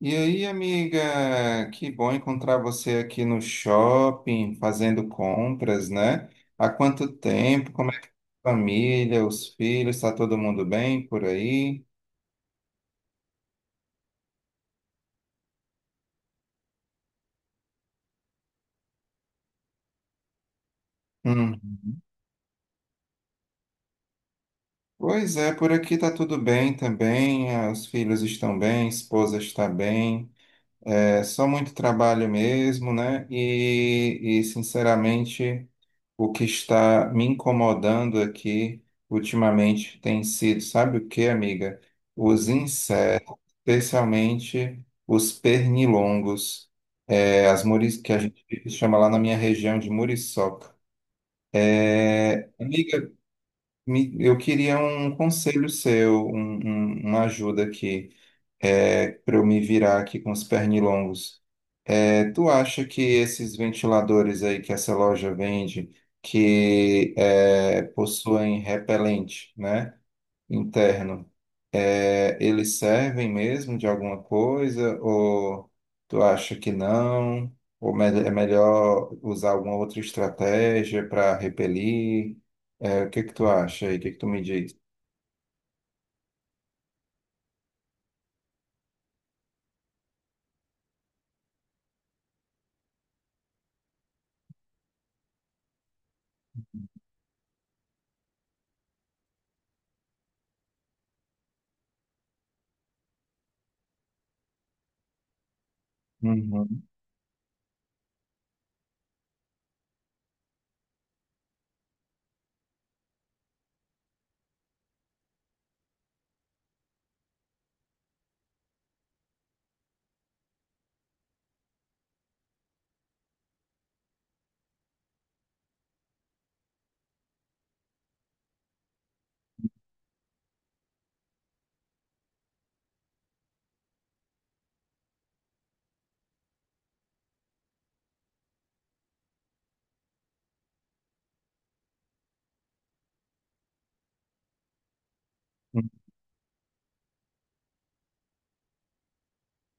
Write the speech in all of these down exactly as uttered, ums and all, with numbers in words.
E aí, amiga, que bom encontrar você aqui no shopping, fazendo compras, né? Há quanto tempo? Como é que tá a família, os filhos, está todo mundo bem por aí? Uhum. Pois é, por aqui tá tudo bem também, ah, os filhos estão bem, a esposa está bem. É só muito trabalho mesmo, né? E, e, sinceramente, o que está me incomodando aqui ultimamente tem sido, sabe o que, amiga? Os insetos, especialmente os pernilongos, é, as muris, que a gente chama lá na minha região de muriçoca. É, amiga, me- eu queria um conselho seu, um- um- uma ajuda aqui, para eu me virar aqui com os pernilongos. Tu acha que esses ventiladores aí que essa loja vende, que é, possuem repelente, né, interno, é, eles servem mesmo de alguma coisa? Ou tu acha que não? Ou me- é melhor usar alguma outra estratégia para repelir? É, o que que tu acha aí? O que que tu me diz? Uhum,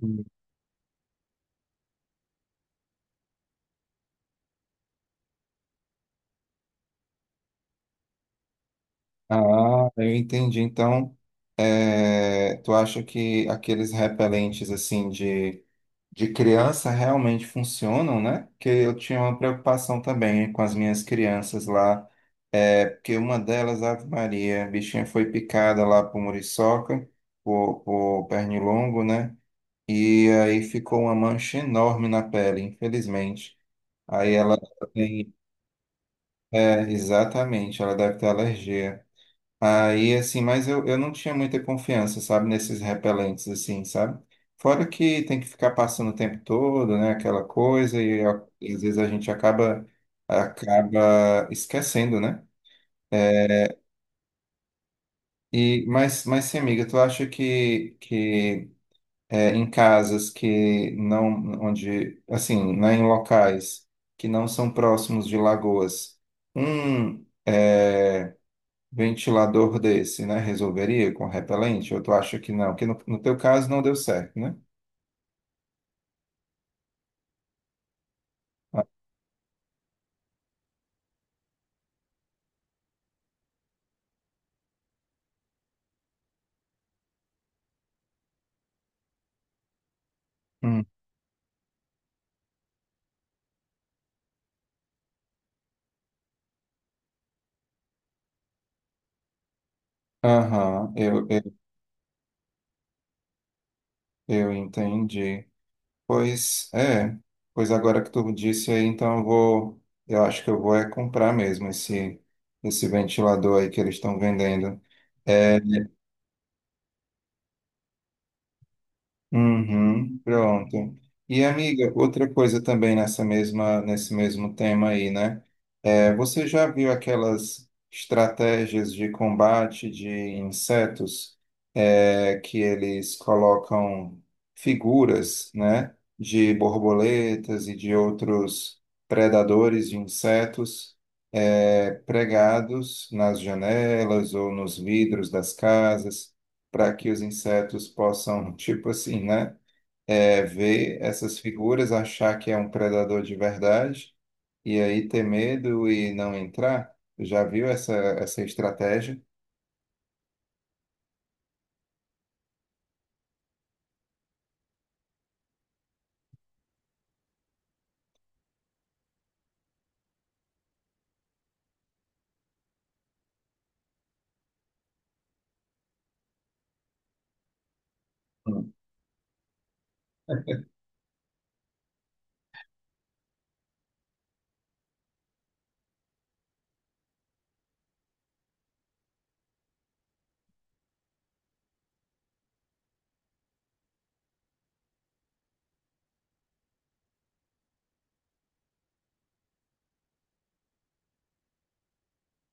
uhum. Ah, eu entendi. Então, é, tu acha que aqueles repelentes assim de de criança realmente funcionam, né? Porque eu tinha uma preocupação também com as minhas crianças lá, é porque uma delas, Ave Maria, a bichinha foi picada lá por muriçoca, por, por pernilongo, né? E aí ficou uma mancha enorme na pele, infelizmente. Aí ela tem, é, exatamente, ela deve ter alergia. Aí, assim, mas eu, eu não tinha muita confiança, sabe, nesses repelentes, assim, sabe? Fora que tem que ficar passando o tempo todo, né, aquela coisa, e, a- e às vezes a gente acaba, acaba esquecendo, né? E, mas, mas sim, amiga, tu acha que, que é, em casas que não, onde, assim, né, em locais que não são próximos de lagoas, um, é, ventilador desse, né? Resolveria com repelente? Eu tu acha que não, que no, no teu caso não deu certo, né? Hum. Aham, eu, eu, eu entendi. Pois é, pois agora que tu disse aí, então eu vou, eu acho que eu vou é comprar mesmo esse, esse ventilador aí que eles estão vendendo. É, uhum, pronto. E amiga, outra coisa também nessa mesma, nesse mesmo tema aí, né? É, você já viu aquelas estratégias de combate de insetos, é, que eles colocam figuras, né, de borboletas e de outros predadores de insetos, é, pregados nas janelas ou nos vidros das casas, para que os insetos possam, tipo assim, né, é, ver essas figuras, achar que é um predador de verdade e aí ter medo e não entrar? Já viu essa, essa estratégia? Hum.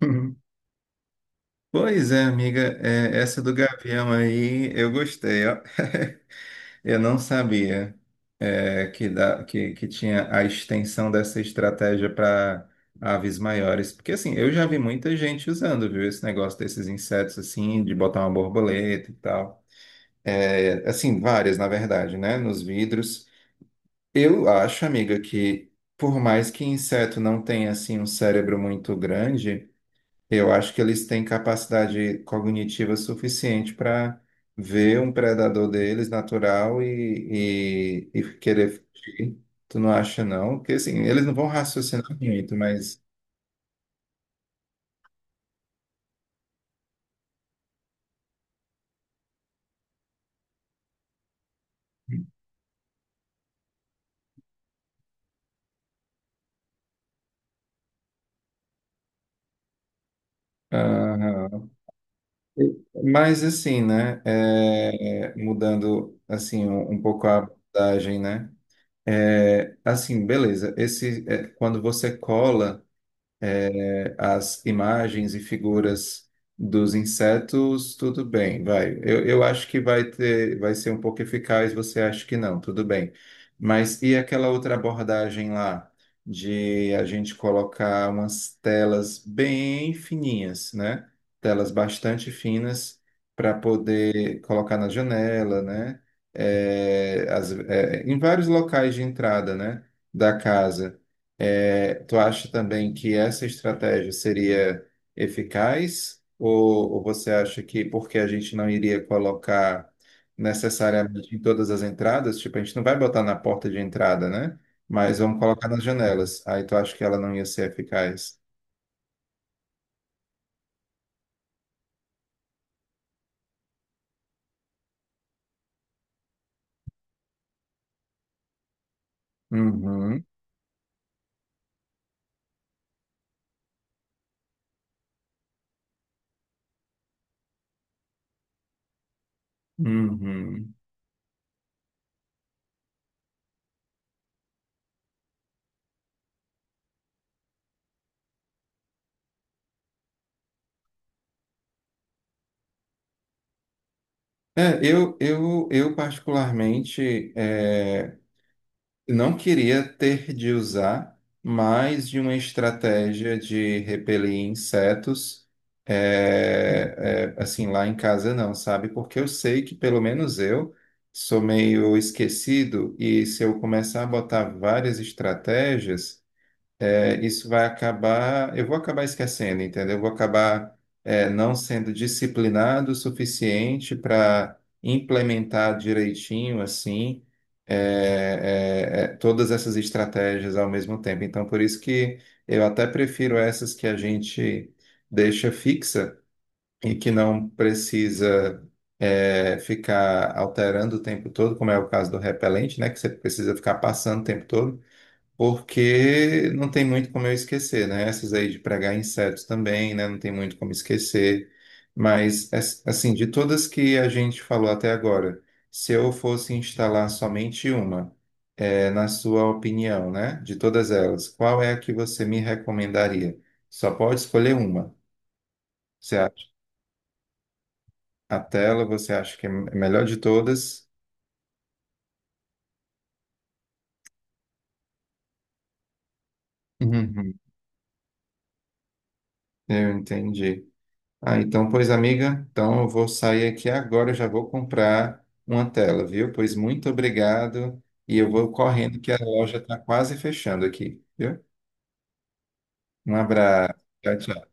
Pois é, amiga, é, essa do gavião aí eu gostei, ó. Eu não sabia é, que, da- que, que tinha a extensão dessa estratégia para aves maiores. Porque, assim, eu já vi muita gente usando, viu, esse negócio desses insetos, assim, de botar uma borboleta e tal. É, assim, várias, na verdade, né, nos vidros. Eu acho, amiga, que por mais que inseto não tenha, assim, um cérebro muito grande, eu acho que eles têm capacidade cognitiva suficiente para ver um predador deles natural e, e, e querer fugir. Tu não acha, não? Porque, assim, eles não vão raciocinar muito, mas... Aham. Mas, assim, né, é, mudando, assim, um, um pouco a abordagem, né? É, assim, beleza. Esse, é, quando você cola... é, as imagens e figuras dos insetos, tudo bem, vai. Eu, eu acho que vai ter, vai ser um pouco eficaz, você acha que não, tudo bem. Mas e aquela outra abordagem lá de a gente colocar umas telas bem fininhas, né? Telas bastante finas para poder colocar na janela, né? É, as- é, em vários locais de entrada, né? Da casa. É, tu acha também que essa estratégia seria eficaz? Ou, ou você acha que porque a gente não iria colocar necessariamente em todas as entradas, tipo, a gente não vai botar na porta de entrada, né? Mas vamos colocar nas janelas. Aí tu acha que ela não ia ser eficaz? Uhum, uhum. É, eu, eu, eu particularmente é, não queria ter de usar mais de uma estratégia de repelir insetos, é, é, assim, lá em casa não, sabe? Porque eu sei que pelo menos eu sou meio esquecido e se eu começar a botar várias estratégias, é, isso vai acabar, eu vou acabar esquecendo, entendeu? Eu vou acabar, é, não sendo disciplinado o suficiente para implementar direitinho, assim, é, é, é, todas essas estratégias ao mesmo tempo. Então, por isso que eu até prefiro essas que a gente deixa fixa e que não precisa, é, ficar alterando o tempo todo, como é o caso do repelente, né? Que você precisa ficar passando o tempo todo porque não tem muito como eu esquecer, né? Essas aí de pregar insetos também, né? Não tem muito como esquecer. Mas, as- assim, de todas que a gente falou até agora, se eu fosse instalar somente uma, é, na sua opinião, né? De todas elas, qual é a que você me recomendaria? Só pode escolher uma. Você acha a tela, você acha que é melhor de todas? Uhum, eu entendi. Ah, então, pois, amiga, então eu vou sair aqui agora, eu já vou comprar uma tela, viu? Pois muito obrigado e eu vou correndo que a loja está quase fechando aqui, viu? Um abraço. Tchau, tchau.